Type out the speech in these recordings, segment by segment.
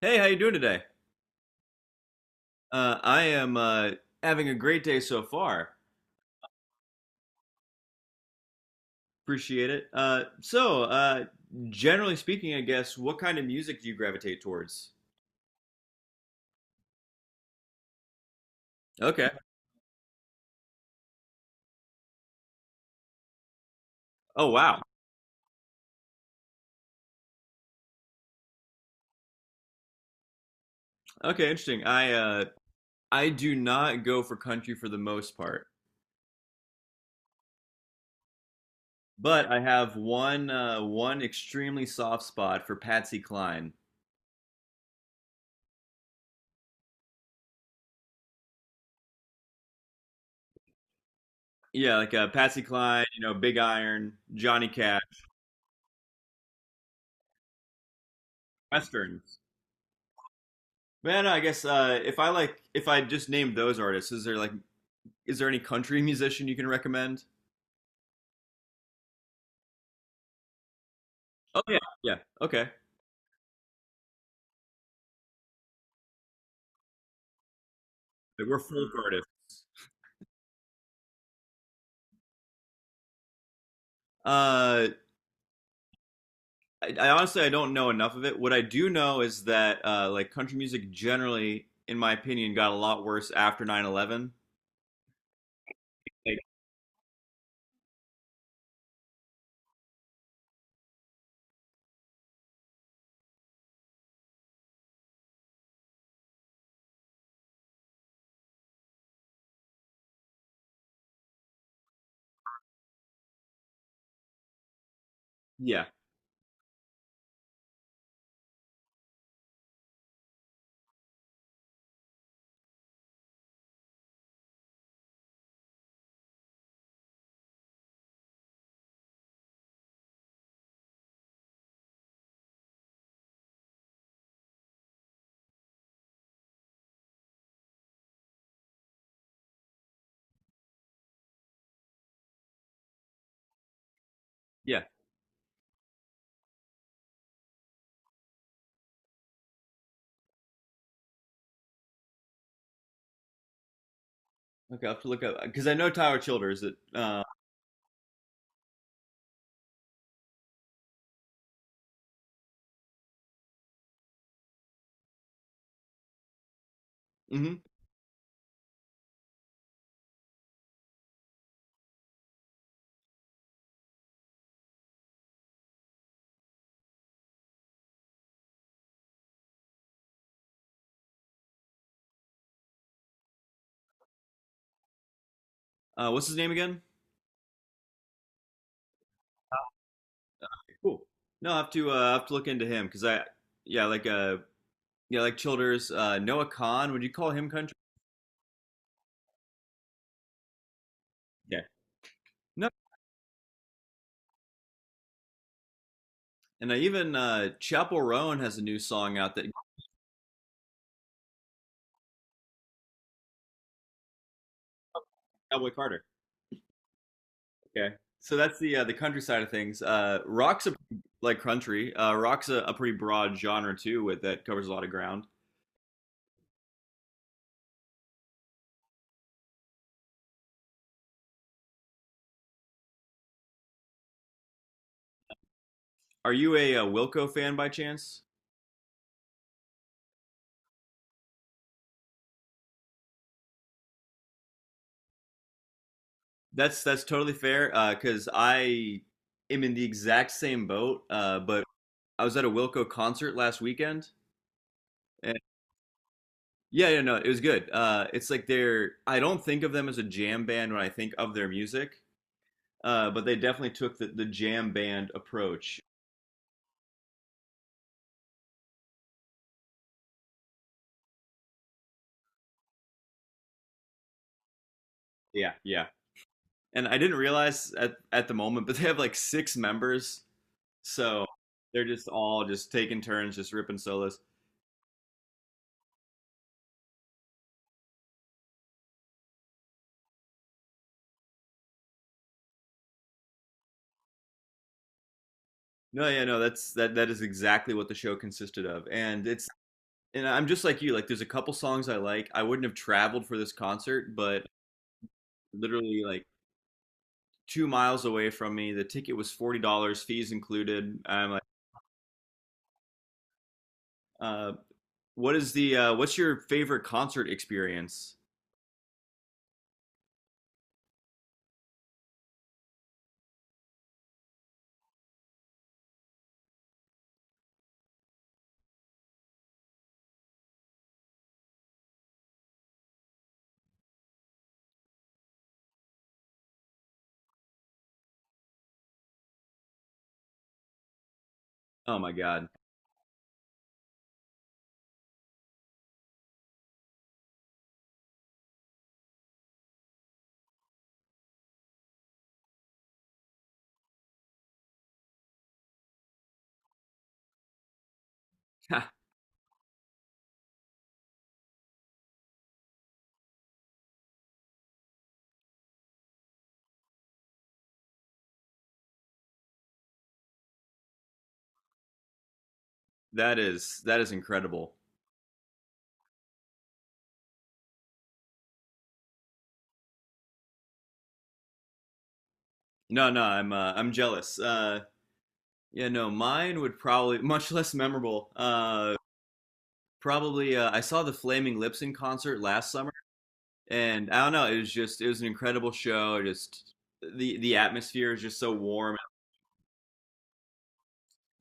Hey, how you doing today? I am having a great day so far. Appreciate it. Generally speaking, I guess, what kind of music do you gravitate towards? Okay. Oh, wow. Okay, interesting. I do not go for country for the most part, but I have one extremely soft spot for Patsy Cline. Yeah, like Patsy Cline, you know, Big Iron, Johnny Cash, Westerns. Man, I guess if I like, if I just named those artists, is there like Is there any country musician you can recommend? Oh yeah, yeah. Okay, we're full of artists. Uh, I honestly I don't know enough of it. What I do know is that like country music generally, in my opinion, got a lot worse after 9/11. Like, yeah, yeah. Okay, I will have to look up because I know Tyler Childers. That mhm. What's his name again? Cool. No, I have to look into him because I yeah like uh yeah like Childers. Noah Kahn. Would you call him country? Yeah. No, and even Chapel Roan has a new song out that Cowboy Carter. Okay, so that's the country side of things. Like country. Rock's a pretty broad genre too, with that covers a lot of ground. Are you a, Wilco fan by chance? That's totally fair because I am in the exact same boat. But I was at a Wilco concert last weekend, and yeah, yeah, no, it was good. It's like they're I don't think of them as a jam band when I think of their music. But They definitely took the jam band approach. Yeah, yeah. And I didn't realize at the moment, but they have like six members. So they're just all just taking turns, just ripping solos. No, yeah, no, that is exactly what the show consisted of. And I'm just like you, like there's a couple songs I like. I wouldn't have traveled for this concert, but literally like 2 miles away from me, the ticket was $40, fees included. I'm like, uh, what is the what's your favorite concert experience? Oh my god. Ha, that is incredible. No, no, I'm jealous. Yeah, no, mine would probably much less memorable. Probably I saw the Flaming Lips in concert last summer, and I don't know, it was just it was an incredible show. Just the atmosphere is just so warm.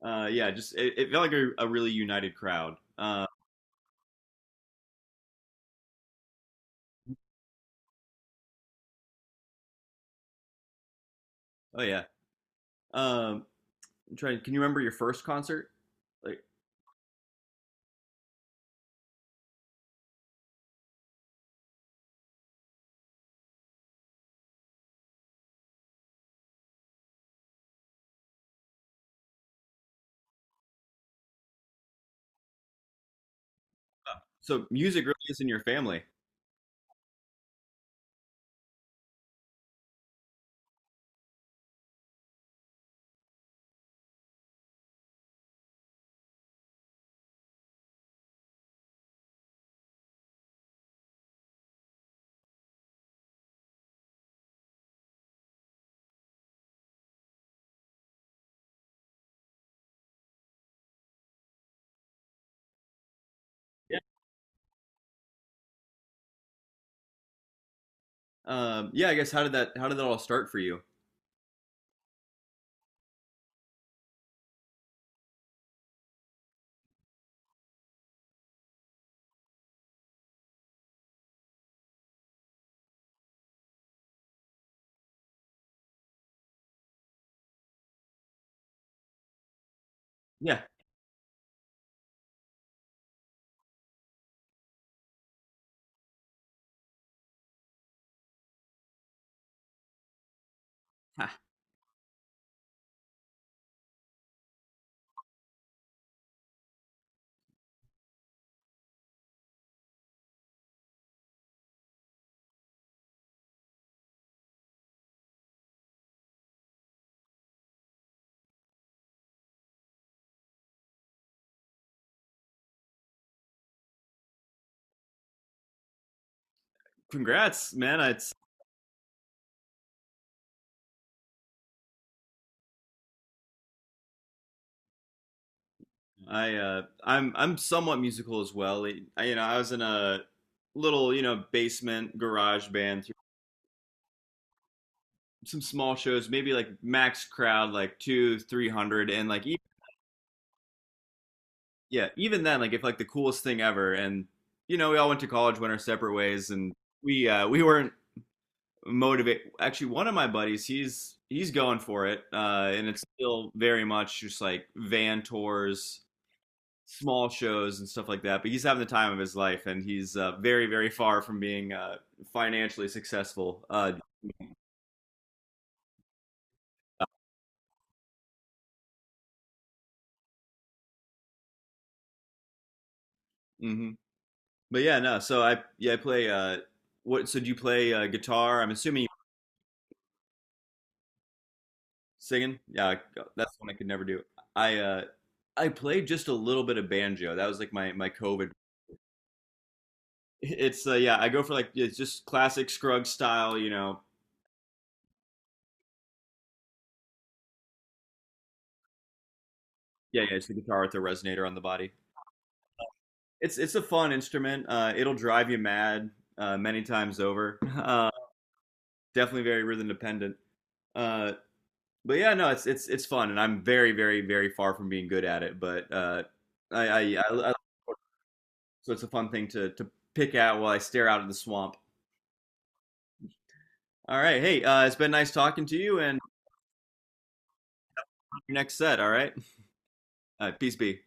Yeah, just it felt like a really united crowd. Oh yeah. Um, I'm trying. Can you remember your first concert? Like, so music really is in your family. Yeah. Yeah, I guess how did that all start for you? Yeah. Congrats, man. I'm somewhat musical as well. I, you know, I was in a little, you know, basement garage band through some small shows, maybe like max crowd, like two, 300, and like, e yeah, even then, like, if like the coolest thing ever. And you know, we all went to college, went our separate ways, and we weren't motivated. Actually, one of my buddies, he's going for it, and it's still very much just like van tours. Small shows and stuff like that. But he's having the time of his life, and he's very, very far from being financially successful. Mhm. But yeah, no. So I play. What? So do you play guitar? I'm assuming you singing. Yeah, that's one I could never do. I uh, I played just a little bit of banjo. That was like my COVID. It's yeah. I go for like it's just classic Scruggs style. You know. Yeah, yeah. It's the guitar with the resonator on the body. It's a fun instrument. It'll drive you mad many times over. Definitely very rhythm dependent. Uh, but Yeah, no, it's fun, and I'm very very very far from being good at it. But I, I, I So it's a fun thing to pick at while I stare out at the swamp. All right, hey, it's been nice talking to you, and your next set. All right peace be.